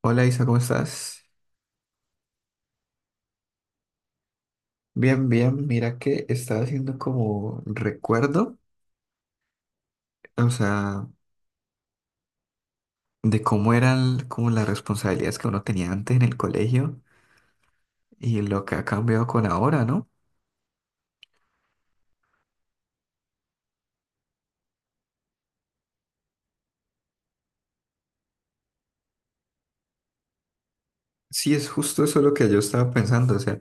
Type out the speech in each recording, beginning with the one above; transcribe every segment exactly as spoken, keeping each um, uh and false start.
Hola Isa, ¿cómo estás? Bien, bien. Mira que estaba haciendo como recuerdo, o sea, de cómo eran como las responsabilidades que uno tenía antes en el colegio y lo que ha cambiado con ahora, ¿no? Sí, es justo eso lo que yo estaba pensando, o sea,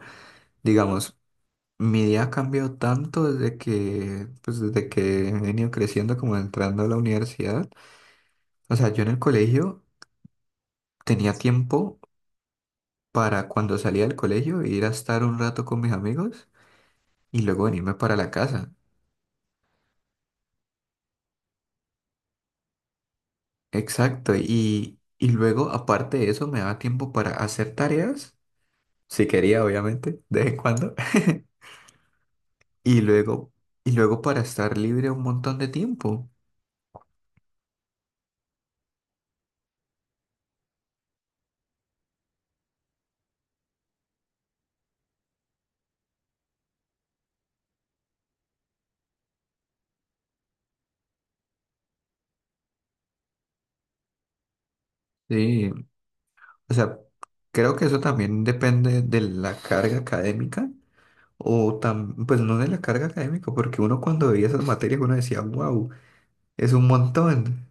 digamos, mi día ha cambiado tanto desde que, pues desde que he venido creciendo, como entrando a la universidad. O sea, yo en el colegio tenía tiempo para cuando salía del colegio ir a estar un rato con mis amigos y luego venirme para la casa. Exacto, y, y luego aparte de eso me daba tiempo para hacer tareas, si quería obviamente, de vez en cuando. y luego, y luego para estar libre un montón de tiempo. Sí, o sea, creo que eso también depende de la carga académica, o tam- pues no de la carga académica, porque uno cuando veía esas materias uno decía, wow, es un montón.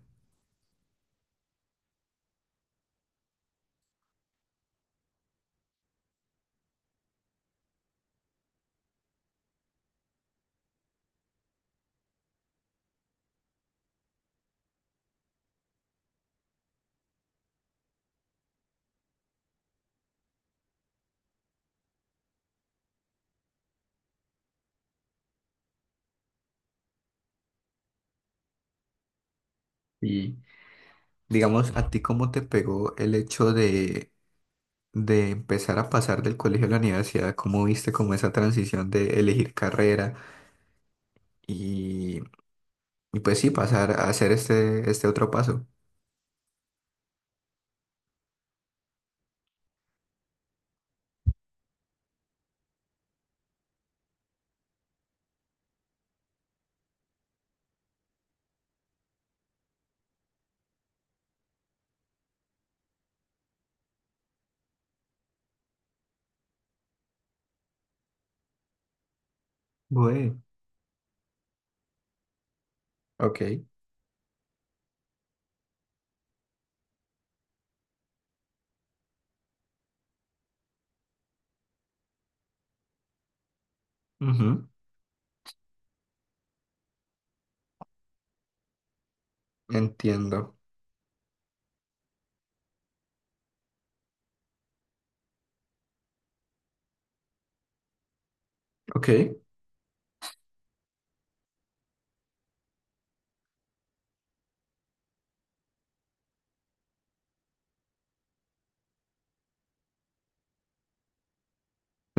Y digamos, ¿a ti cómo te pegó el hecho de... de empezar a pasar del colegio a la universidad? ¿Cómo viste como esa transición de elegir carrera y, y pues sí, pasar a hacer este, este otro paso? Bueno, ok. Ujú. Entiendo. Ok. Eh,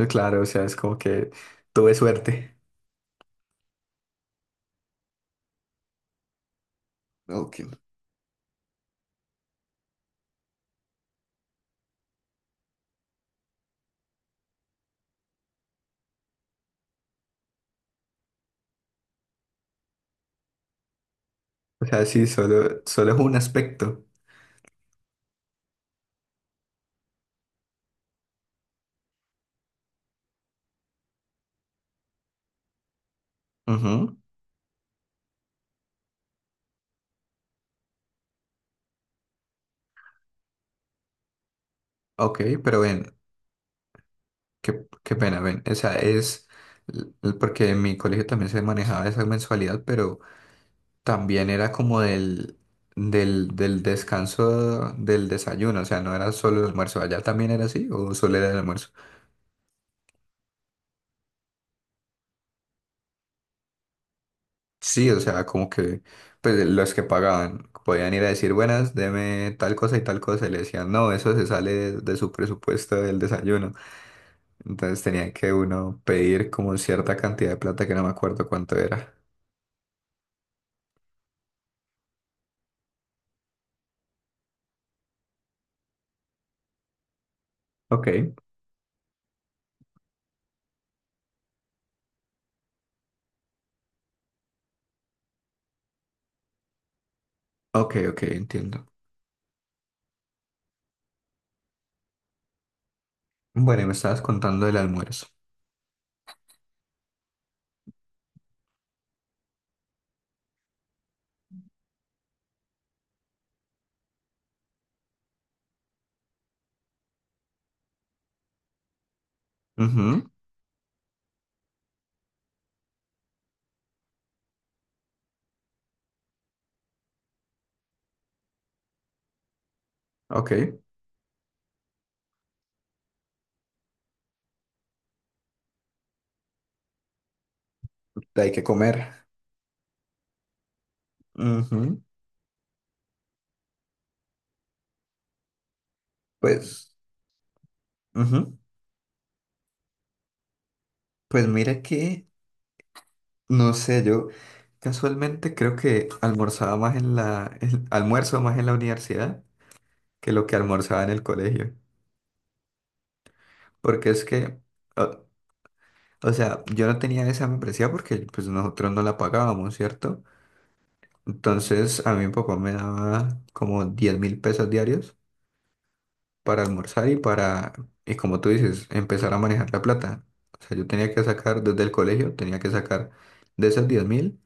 Claro, o sea, es como que tuve suerte. Ok. O sea, sí, solo, solo es un aspecto. Ujú. Ok, pero ven, qué, qué pena, ven. O sea, es l- porque en mi colegio también se manejaba esa mensualidad, pero también era como del, del, del descanso del desayuno, o sea, no era solo el almuerzo, allá también era así, o solo era el almuerzo. Sí, o sea, como que pues los que pagaban podían ir a decir, buenas, deme tal cosa y tal cosa, y le decían, no, eso se sale de su presupuesto del desayuno. Entonces tenía que uno pedir como cierta cantidad de plata que no me acuerdo cuánto era. Ok, ok, ok, entiendo. Bueno, y me estabas contando del almuerzo. Ujú, ok, hay que comer. Ujú. Pues, ujú. Pues mira que, no sé, yo casualmente creo que almorzaba más en la, el- almuerzo más en la universidad que lo que almorzaba en el colegio. Porque es que, o, o sea, yo no tenía esa membresía porque pues nosotros no la pagábamos, ¿cierto? Entonces a mí mi papá me daba como diez mil pesos diarios para almorzar y para, y como tú dices, empezar a manejar la plata. O sea, yo tenía que sacar desde el colegio, tenía que sacar de esos diez mil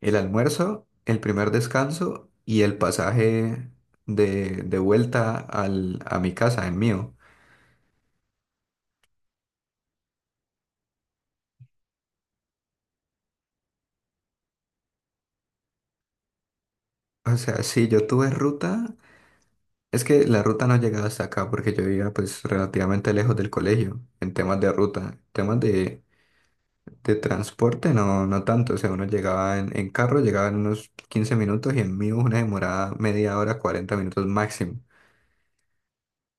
el almuerzo, el primer descanso y el pasaje de, de vuelta al, a mi casa, en mío. O sea, si yo tuve ruta, es que la ruta no llegaba hasta acá porque yo vivía pues relativamente lejos del colegio en temas de ruta, temas de De transporte. No, no tanto. O sea, uno llegaba en, en carro, llegaba en unos quince minutos, y en mí una demorada media hora, cuarenta minutos máximo.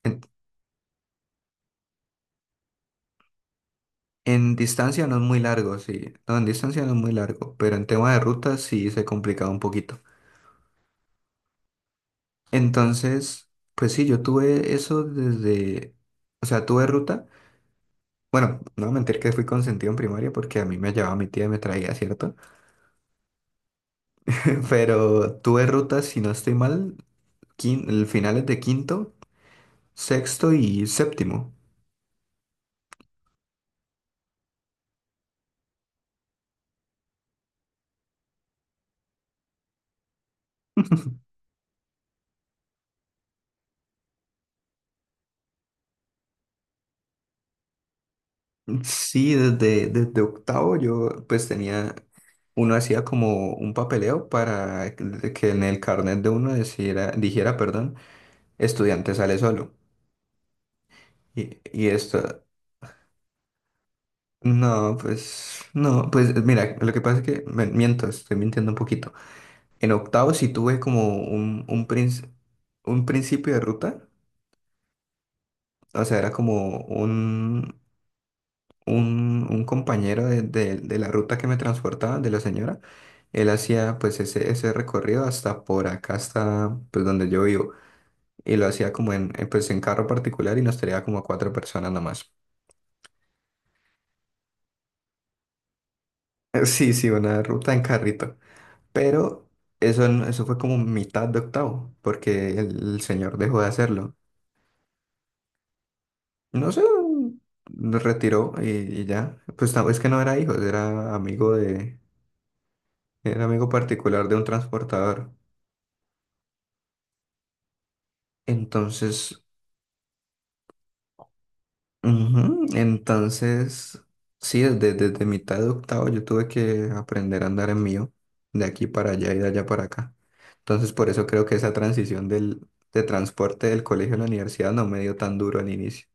En, en distancia no es muy largo, sí. No, en distancia no es muy largo, pero en tema de ruta sí se complicaba un poquito. Entonces, pues sí, yo tuve eso desde, o sea, tuve ruta. Bueno, no voy a mentir que fui consentido en primaria, porque a mí me llevaba mi tía y me traía, ¿cierto? Pero tuve ruta, si no estoy mal, quin- el finales de quinto, sexto y séptimo. Sí, desde, desde octavo yo pues tenía, uno hacía como un papeleo para que que en el carnet de uno dijera, dijera, perdón, estudiante sale solo. Y, y esto, no, pues, no, pues mira, lo que pasa es que, me- miento, estoy mintiendo un poquito. En octavo sí tuve como un, un, princ- un principio de ruta, o sea, era como un, un compañero de, de- de la ruta que me transportaba, de la señora. Él hacía pues ese, ese recorrido hasta por acá, hasta pues donde yo vivo, y lo hacía como en, en, pues en carro particular, y nos traía como a cuatro personas nomás. Sí, sí, una ruta en carrito, pero eso, no- eso fue como mitad de octavo, porque el, el señor dejó de hacerlo. No sé, nos retiró y, y ya. Pues no, es que no era hijo, era amigo de, era amigo particular de un transportador. Entonces, ujú. Entonces, sí, desde, desde mitad de octavo yo tuve que aprender a andar en mío, de aquí para allá y de allá para acá. Entonces, por eso creo que esa transición del, de transporte del colegio a la universidad no me dio tan duro al inicio.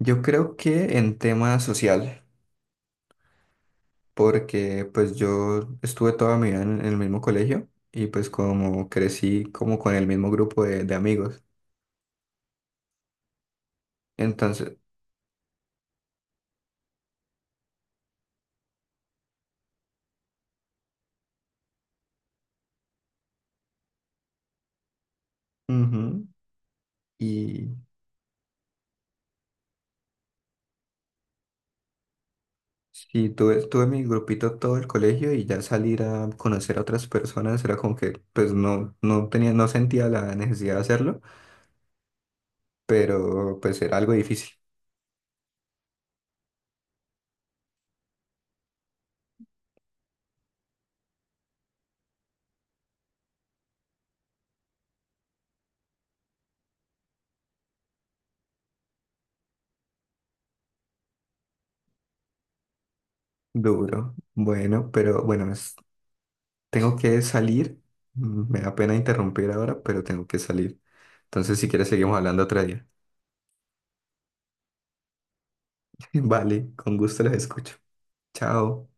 Yo creo que en tema social, porque pues yo estuve toda mi vida en, en el mismo colegio y pues como crecí como con el mismo grupo de, de amigos. Entonces, ujú. Sí, tuve, tuve mi grupito todo el colegio, y ya salir a conocer a otras personas era como que pues no, no tenía, no sentía la necesidad de hacerlo, pero pues era algo difícil, duro. Bueno, pero bueno, es- tengo que salir. Mm, Me da pena interrumpir ahora, pero tengo que salir. Entonces, si quieres, seguimos hablando otro día. Vale, con gusto los escucho. Chao.